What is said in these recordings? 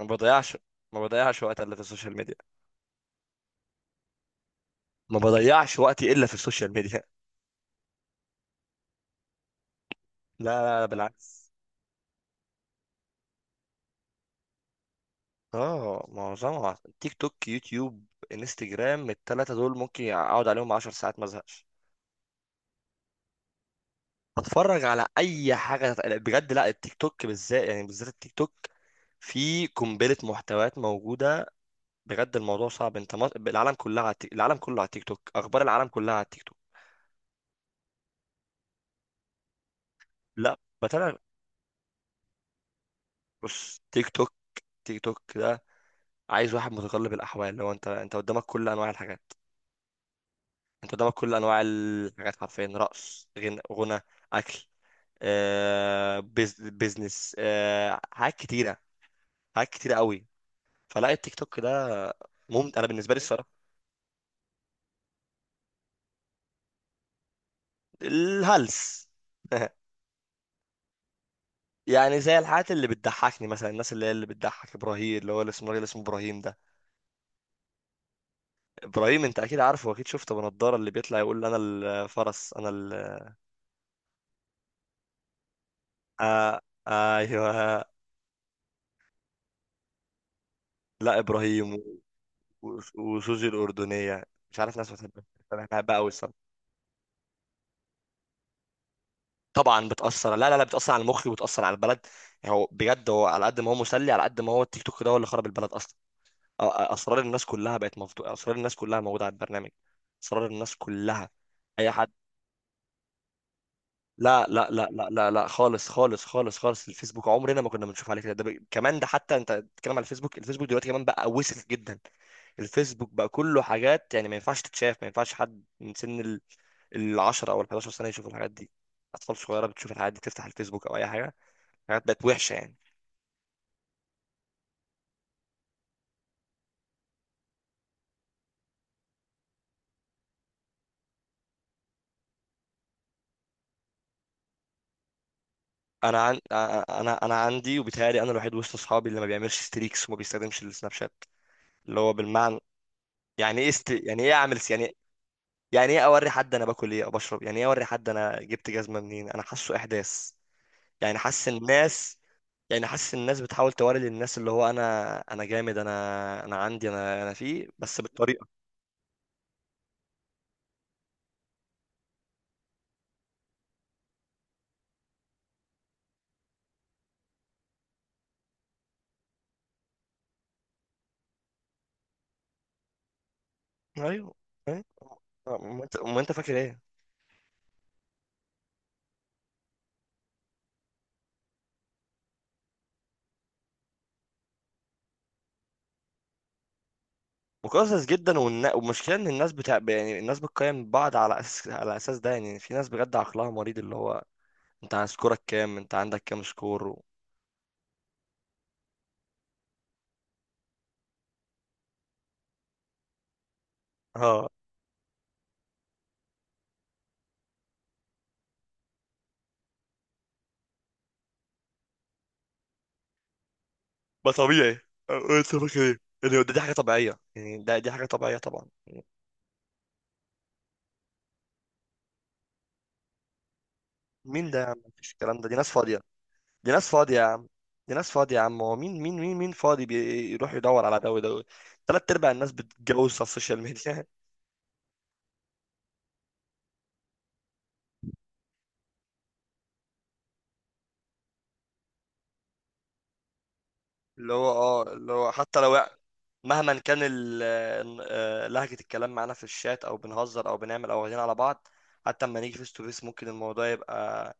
ما بضيعش ما بضيعش وقت الا في السوشيال ميديا. ما بضيعش وقتي الا في السوشيال ميديا. لا لا، لا بالعكس. اه، معظمها تيك توك، يوتيوب، انستجرام. التلاتة دول ممكن اقعد عليهم 10 ساعات ما ازهقش. اتفرج على اي حاجة بجد. لا التيك توك بالذات، يعني بالذات التيك توك. في قنبلة محتويات موجودة. بجد الموضوع صعب. العالم كلها على العالم كله على التيك توك. اخبار العالم كلها على التيك توك. لا، بتابع. بص، تيك توك، تيك توك ده عايز واحد متقلب الاحوال. لو انت قدامك كل انواع الحاجات، انت قدامك كل انواع الحاجات حرفيا. رقص، غنى، اكل، بيزنس، حاجات كتيره. حاجات كتيره قوي. فلا، التيك توك ده ممتع انا بالنسبه لي الصراحه. الهلس. يعني زي الحاجات اللي بتضحكني مثلا. الناس اللي هي اللي بتضحك، ابراهيم اللي هو الاسمراني، اللي اسمه، الراجل اسمه ابراهيم ده. ابراهيم انت اكيد عارفه واكيد شفته، بنضاره، اللي بيطلع يقول انا الفرس، انا آه... آه، ايوه. لا، ابراهيم. وسوزي الأردنية. مش عارف، ناس بتحبها. أنا بحبها أوي الصراحة. طبعا بتأثر، لا لا لا، بتأثر على مخي وبتأثر على البلد. يعني هو بجد، هو على قد ما هو مسلي، على قد ما هو التيك توك ده هو اللي خرب البلد أصلا. أسرار الناس كلها بقت مفتوحة. أسرار الناس كلها موجودة على البرنامج. أسرار الناس كلها. أي حد. لا لا لا لا لا لا، خالص خالص خالص خالص. الفيسبوك عمرنا ما كنا بنشوف عليه كده. ده كمان، ده حتى أنت بتتكلم على الفيسبوك. الفيسبوك دلوقتي كمان بقى وسخ جدا. الفيسبوك بقى كله حاجات يعني ما ينفعش تتشاف. ما ينفعش حد من سن العشرة او ال11 سنه يشوفوا الحاجات دي. اطفال صغيره بتشوف الحاجات دي، تفتح الفيسبوك او اي حاجه. الحاجات بقت وحشه يعني. انا عندي، وبيتهيألي انا الوحيد وسط اصحابي اللي ما بيعملش ستريكس وما بيستخدمش السناب شات. اللي هو بالمعنى، يعني ايه يعني ايه اعمل يعني، يعني ايه اوري حد انا باكل ايه او بشرب، يعني ايه اوري حد انا جبت جزمه منين، انا حاسه احداث. يعني حاسس الناس يعني حاسس الناس بتحاول توري للناس اللي هو انا، انا جامد، انا عندي، انا فيه، بس بالطريقه. ايوه. أيوه. ما انت فاكر ايه؟ مقزز جدا، والمشكله ان الناس بتاع، يعني الناس بتقيم بعض على اساس ده، يعني في ناس بجد عقلها مريض. اللي هو انت عن سكورك كام، انت عندك كام سكور اه. ما طبيعي. أه، انت فاكر ايه يعني؟ دي حاجه طبيعيه، يعني ده دي حاجه طبيعيه طبعا. مين ده يا عم، مفيش الكلام ده، دي ناس فاضيه. دي ناس فاضيه يا عم. دي ناس فاضيه يا عم. هو مين فاضي بيروح يدور على ده وده؟ ثلاث ارباع الناس بتتجوز على السوشيال ميديا. اللي هو حتى لو يعني، مهما كان لهجة الكلام معانا في الشات، او بنهزر او بنعمل، او واخدين على بعض، حتى اما نيجي فيس تو فيس ممكن الموضوع يبقى.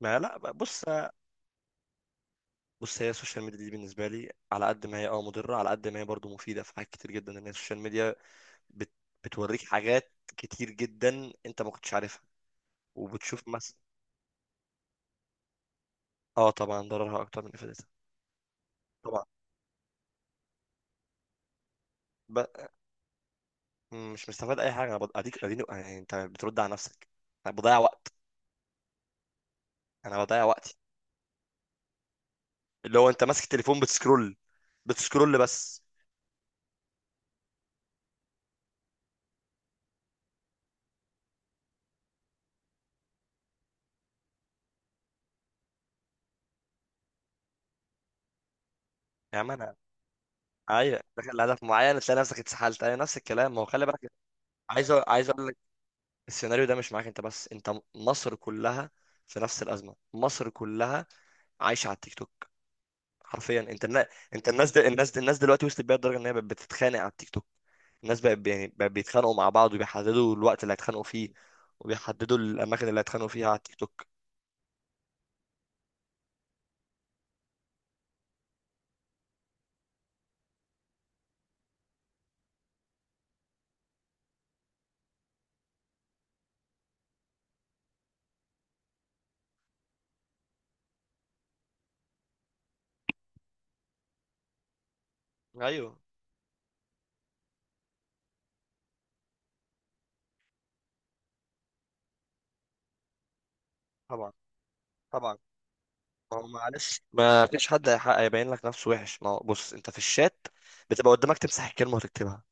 ما لا، بص، بص هي السوشيال ميديا دي بالنسبة لي، على قد ما هي اه مضرة، على قد ما هي برضو مفيدة في حاجات كتير جدا. ان هي السوشيال ميديا بت... بتوريك حاجات كتير جدا انت ما كنتش عارفها، وبتشوف مثلا. اه طبعا، ضررها اكتر من افادتها. طبعا. ب... مش مستفاد اي حاجة. انا اديك، اديني يعني، انت بترد على نفسك. أنا بضيع وقت. انا بضيع وقتي. اللي هو انت ماسك تليفون بتسكرول بس. يا عم انا، ايوه، دخل هدف معين تلاقي نفسك اتسحلت، ايوه نفس الكلام، ما هو خلي بالك. عايز اقول لك، السيناريو ده مش معاك انت بس، انت مصر كلها في نفس الازمه. مصر كلها عايشه على التيك توك حرفيا. انت النا... انت الناس دل... الناس الناس دلوقتي وصلت بيها لدرجه ان هي بقت بتتخانق على التيك توك. الناس بقت يعني بقت بيتخانقوا مع بعض، وبيحددوا الوقت اللي هيتخانقوا فيه، وبيحددوا الاماكن اللي هيتخانقوا فيها على التيك توك. ايوه. طبعا. طبعا، ما هو معلش، ما فيش حد هيبين لك نفسه وحش. ما هو بص، انت في الشات بتبقى قدامك تمسح الكلمه وتكتبها.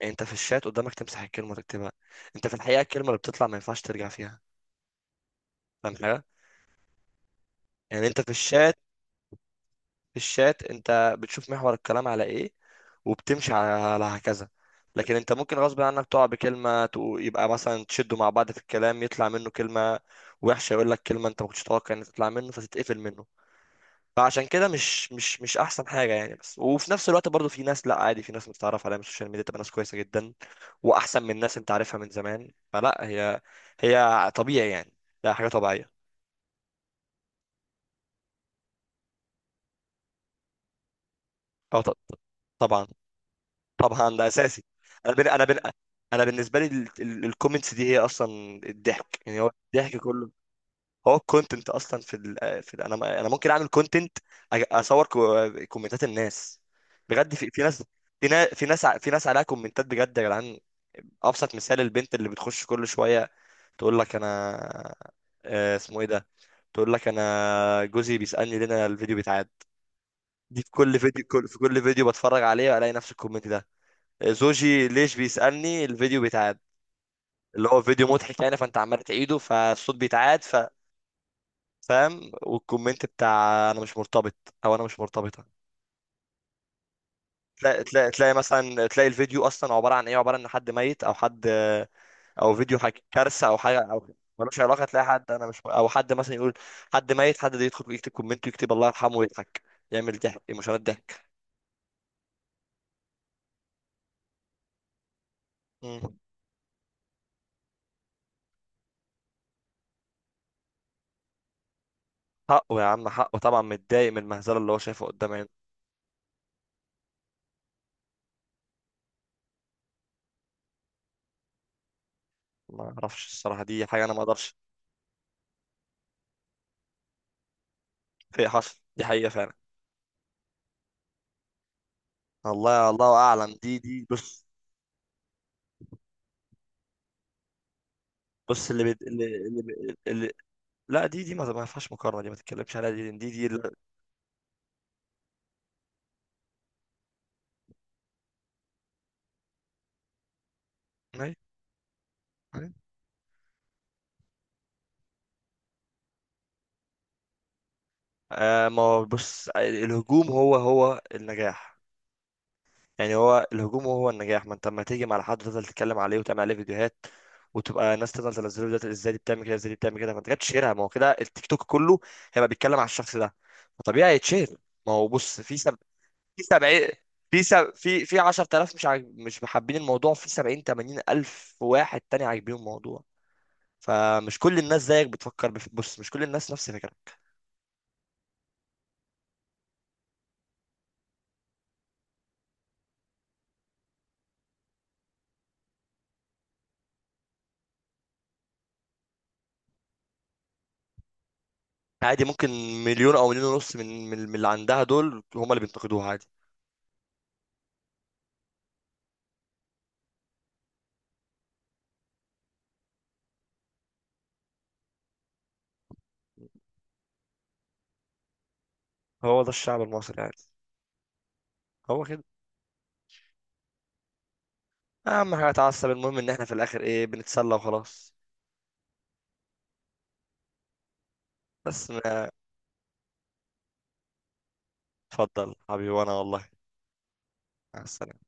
يعني انت في الشات قدامك تمسح الكلمه وتكتبها. انت في الحقيقه الكلمه اللي بتطلع ما ينفعش ترجع فيها. فاهم حاجه؟ يعني انت في الشات انت بتشوف محور الكلام على ايه، وبتمشي على هكذا. لكن انت ممكن غصب عنك تقع بكلمه، يبقى مثلا تشدوا مع بعض في الكلام، يطلع منه كلمه وحشه، يقول لك كلمه انت ما كنتش تتوقع ان تطلع منه فتتقفل منه. فعشان كده مش احسن حاجه يعني. بس وفي نفس الوقت برضو في ناس، لا عادي، في ناس متعرف عليها من السوشيال ميديا تبقى ناس كويسه جدا واحسن من ناس انت عارفها من زمان، فلا هي، هي طبيعي يعني. ده حاجه طبيعيه. اه، طبعا. طبعا ده اساسي. انا بن... انا بن... انا بالنسبه لي الكومنتس دي هي اصلا الضحك، يعني هو الضحك كله. هو الكونتنت اصلا في ال في ال، انا انا ممكن اعمل كونتنت، اصور كومنتات الناس. بجد في, في ناس في ناس في ناس ع- في ناس عليها كومنتات، بجد يا جدعان. ابسط مثال البنت اللي بتخش كل شويه تقول لك انا، اسمه ايه ده، تقول لك انا جوزي بيسالني ليه انا الفيديو بيتعاد. دي في كل فيديو، كل فيديو بتفرج عليه الاقي نفس الكومنت ده. زوجي ليش بيسالني الفيديو بيتعاد. اللي هو فيديو مضحك يعني، فانت عمال تعيده فالصوت بيتعاد. فاهم؟ والكومنت بتاع انا مش مرتبط، او انا مش مرتبطه. تلاقي مثلا، تلاقي الفيديو اصلا عباره عن ايه، عباره عن حد ميت او حد، او فيديو حاجة كارثه او حاجه، او ملوش علاقه. تلاقي حد انا مش، او حد مثلا يقول حد ميت، حد ده يدخل يكتب كومنت ويكتب الله يرحمه ويضحك، يعمل ضحك، مشاهدات، ضحك. مم. حقه يا عم، حقه طبعا، متضايق من المهزله اللي هو شايفها قدام عينه. ما اعرفش الصراحه، دي حاجه انا ما اقدرش. في، حصل، دي حقيقه فعلا. الله، الله اعلم. دي بص. بص اللي بت... اللي, اللي, لا دي ما فيهاش مقارنه، دي ما تتكلمش عليها دي، لأن دي دي لا- أيوة، أيوة. ما هو بص، الهجوم هو هو النجاح، يعني هو الهجوم هو النجاح. ما انت لما تيجي مع حد وتفضل تتكلم عليه وتعمل عليه فيديوهات، وتبقى ناس تفضل تنزله فيديوهات، ازاي دي بتعمل كده، ازاي دي بتعمل كده، ما انت جاتش شيرها. ما هو كده، التيك توك كله هيبقى بيتكلم على الشخص ده فطبيعي يتشهر. ما هو بص، في سب... في سبعين في سب... في في 10000 مش محبين الموضوع، في 70 80 الف واحد تاني عاجبين الموضوع. فمش كل الناس زيك بتفكر، بص، مش كل الناس نفس فكرك. عادي، ممكن مليون او مليون ونص من اللي عندها دول هم اللي بينتقدوها، عادي. هو ده الشعب المصري، عادي، هو كده. اهم حاجه اتعصب، المهم ان احنا في الاخر ايه؟ بنتسلى وخلاص. بس ما، اتفضل حبيبي، وانا والله. مع السلامة.